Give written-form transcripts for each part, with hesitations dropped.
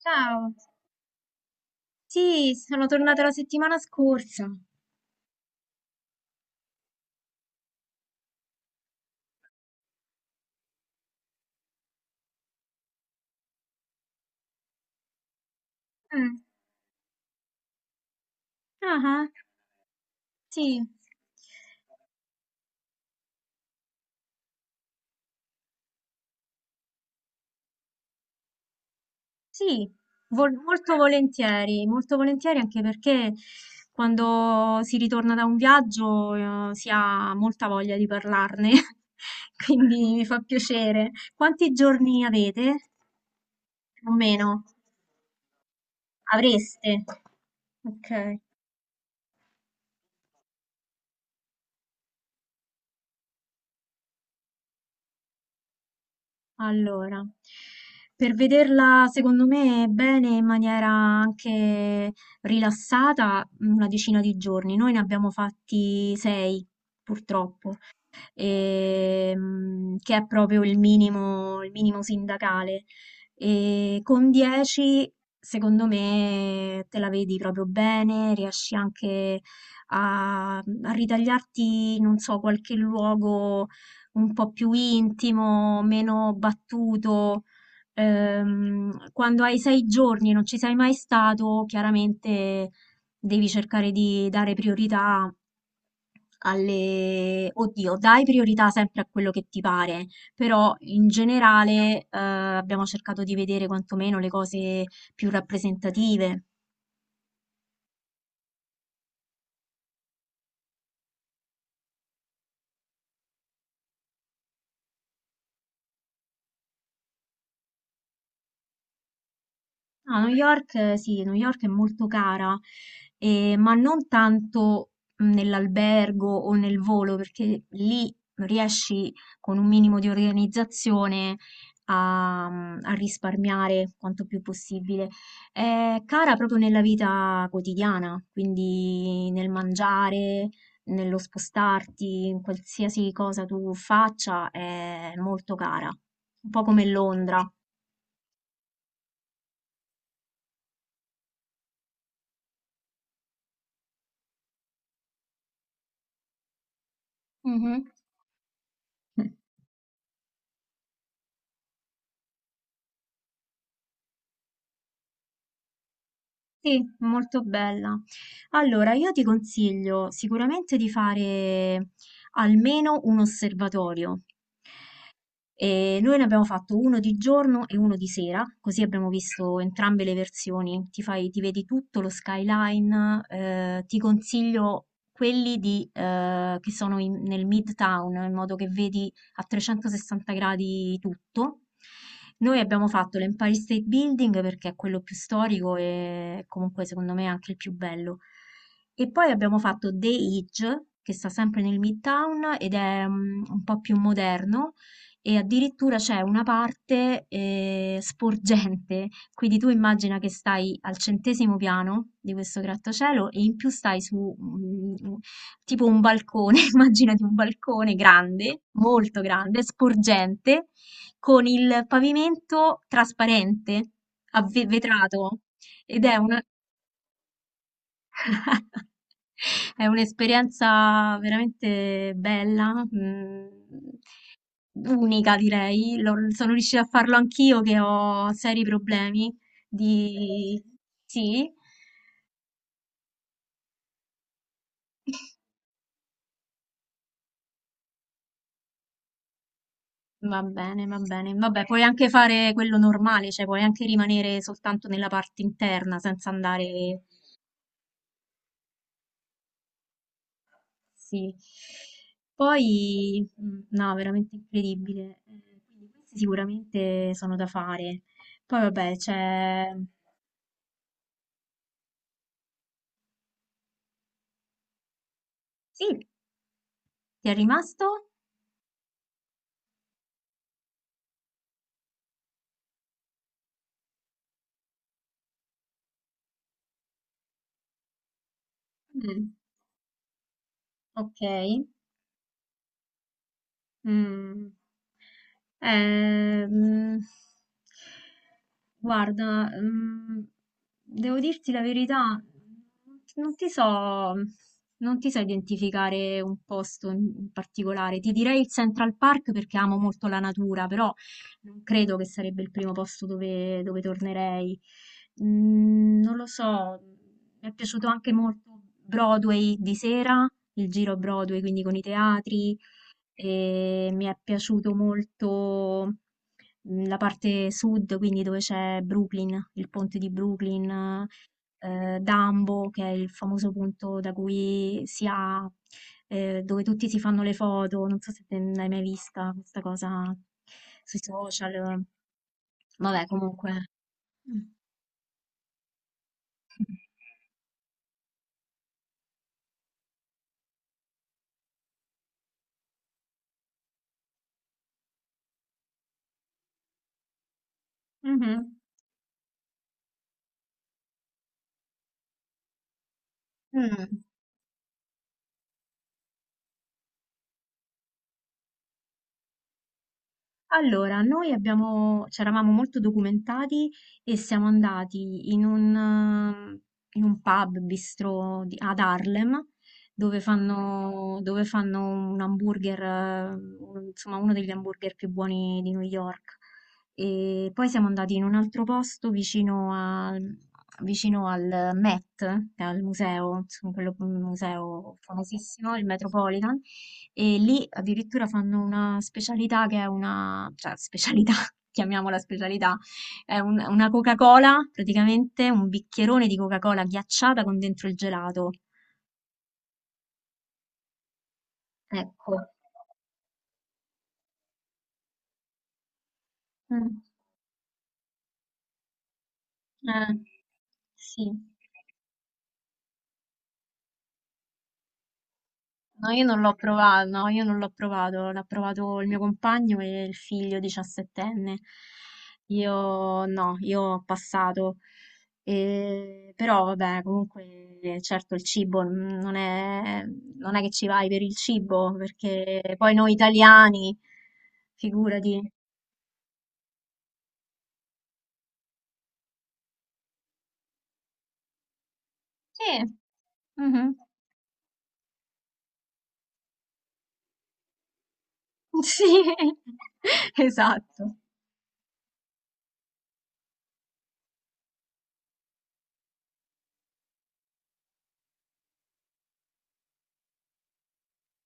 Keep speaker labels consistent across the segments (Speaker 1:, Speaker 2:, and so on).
Speaker 1: Ciao, sì, sono tornata la settimana scorsa. Mm. Ah, ah, sì, sì, molto volentieri anche perché quando si ritorna da un viaggio, si ha molta voglia di parlarne, quindi mi fa piacere. Quanti giorni avete? Più o meno? Avreste? Ok. Allora, per vederla secondo me bene in maniera anche rilassata, una decina di giorni. Noi ne abbiamo fatti 6, purtroppo che è proprio il minimo sindacale. E con 10, secondo me, te la vedi proprio bene, riesci anche a ritagliarti, non so, qualche luogo un po' più intimo, meno battuto. Quando hai 6 giorni e non ci sei mai stato, chiaramente devi cercare di dare priorità Oddio, dai priorità sempre a quello che ti pare, però in generale abbiamo cercato di vedere quantomeno le cose più rappresentative. No, New York, sì, New York è molto cara, ma non tanto nell'albergo o nel volo, perché lì riesci con un minimo di organizzazione a risparmiare quanto più possibile. È cara proprio nella vita quotidiana, quindi nel mangiare, nello spostarti, in qualsiasi cosa tu faccia, è molto cara, un po' come Londra. Mhm. Sì, molto bella. Allora, io ti consiglio sicuramente di fare almeno un osservatorio. E noi ne abbiamo fatto uno di giorno e uno di sera, così abbiamo visto entrambe le versioni. Ti fai, ti vedi tutto lo skyline, ti consiglio quelli di, nel Midtown, in modo che vedi a 360 gradi tutto. Noi abbiamo fatto l'Empire State Building perché è quello più storico e comunque secondo me anche il più bello. E poi abbiamo fatto The Edge, che sta sempre nel Midtown ed è un po' più moderno e addirittura c'è una parte, sporgente, quindi tu immagina che stai al 100º piano di questo grattacielo e in più stai su, mhmm, u tipo un balcone, immaginati un balcone grande, molto grande, sporgente, con il pavimento trasparente, a ve vetrato ed è una È un'esperienza veramente bella, unica direi. Sono riuscita a farlo anch'io che ho seri problemi di... Sì, va bene, va bene. Vabbè, puoi anche fare quello normale, cioè puoi anche rimanere soltanto nella parte interna senza andare... Sì. Poi, no, veramente incredibile. Quindi questi sicuramente sono da fare. Poi vabbè, c'è. Sì, ti è rimasto? Mh, okay. Mh. Ehm, guarda, devo dirti la verità, non ti so non ti so identificare un posto in particolare. Ti direi il Central Park perché amo molto la natura, però non credo che sarebbe il primo posto dove tornerei. Non lo so, mi è piaciuto anche molto Broadway di sera, il giro Broadway, quindi con i teatri e mi è piaciuto molto la parte sud, quindi dove c'è Brooklyn, il ponte di Brooklyn, Dumbo, che è il famoso punto da cui si ha, dove tutti si fanno le foto. Non so se te l'hai mai vista questa cosa sui social. Vabbè, comunque. Mm. Mhm. Mm. Allora, noi abbiamo c'eravamo molto documentati e siamo andati in un pub bistro ad Harlem dove fanno un hamburger, insomma uno degli hamburger più buoni di New York. E poi siamo andati in un altro posto vicino al Met, che è al museo, insomma, quello, un museo famosissimo, il Metropolitan. E lì addirittura fanno una specialità che è una, cioè specialità, chiamiamola specialità, una Coca-Cola, praticamente un bicchierone di Coca-Cola ghiacciata con dentro il gelato. Ecco. Mm. Eh, sì. No, io non l'ho provato, no, io non l'ho provato, l'ha provato il mio compagno e il figlio diciassettenne. Io no, io ho passato. Però vabbè, comunque certo il cibo non è che ci vai per il cibo, perché poi noi italiani, figurati. Sì, mhm. Sì, esatto.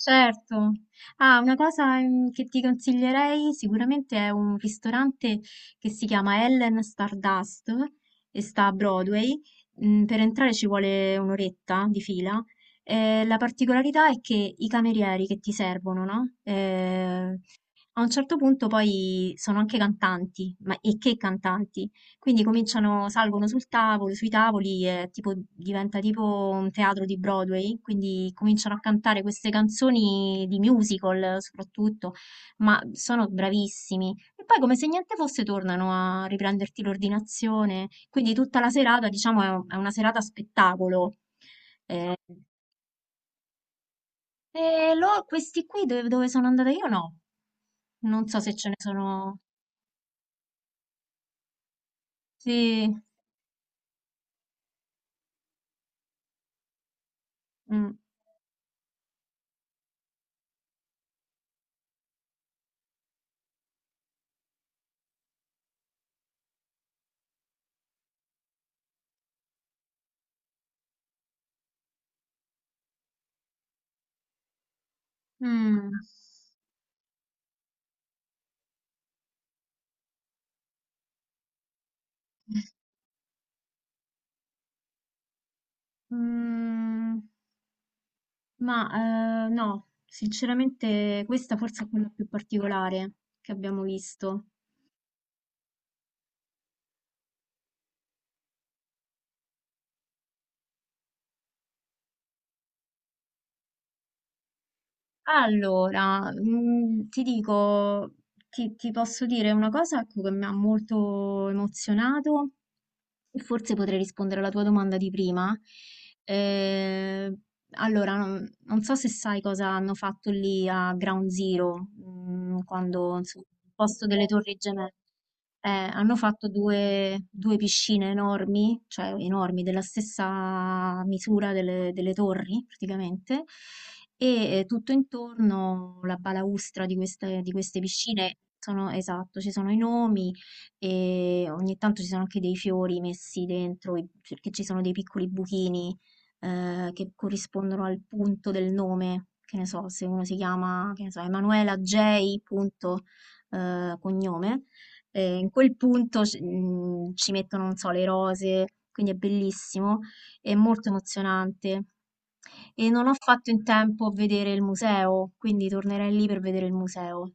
Speaker 1: Certo. Ah, una cosa, che ti consiglierei sicuramente è un ristorante che si chiama Ellen Stardust e sta a Broadway. Per entrare ci vuole 1 oretta di fila. La particolarità è che i camerieri che ti servono, no, a un certo punto poi sono anche cantanti, ma e che cantanti? Quindi cominciano, salgono sul tavolo, sui tavoli e tipo diventa tipo un teatro di Broadway, quindi cominciano a cantare queste canzoni di musical soprattutto, ma sono bravissimi. E poi come se niente fosse tornano a riprenderti l'ordinazione, quindi tutta la serata, diciamo, è una serata spettacolo. Eh, questi qui dove sono andata io no, non so se ce ne sono... Sì, mh, mh. Mm, ma no, sinceramente questa forse è quella più particolare che abbiamo visto. Allora, ti dico, ti posso dire una cosa ecco, che mi ha molto emozionato. Forse potrei rispondere alla tua domanda di prima. Ehm, allora, non so se sai cosa hanno fatto lì a Ground Zero, quando, insomma, al posto delle torri gemelle. Hanno fatto due piscine enormi, cioè enormi, della stessa misura delle torri, praticamente, e tutto intorno la balaustra di queste piscine sono, esatto, ci sono i nomi e ogni tanto ci sono anche dei fiori messi dentro, perché ci sono dei piccoli buchini che corrispondono al punto del nome, che ne so, se uno si chiama, che ne so, Emanuela J. punto, cognome, in quel punto ci mettono, non so, le rose, quindi è bellissimo, è molto emozionante. E non ho fatto in tempo a vedere il museo, quindi tornerei lì per vedere il museo.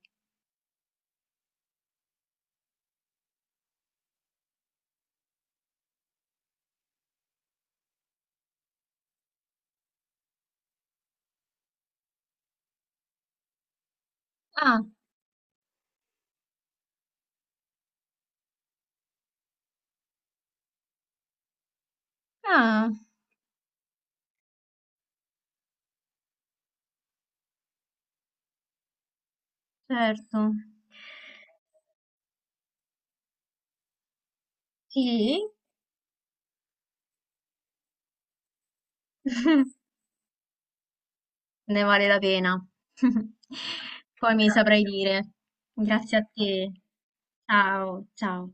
Speaker 1: Ah, ah, certo. Sì, ne vale la pena. Poi mi saprai dire. Grazie a te. Ciao, ciao.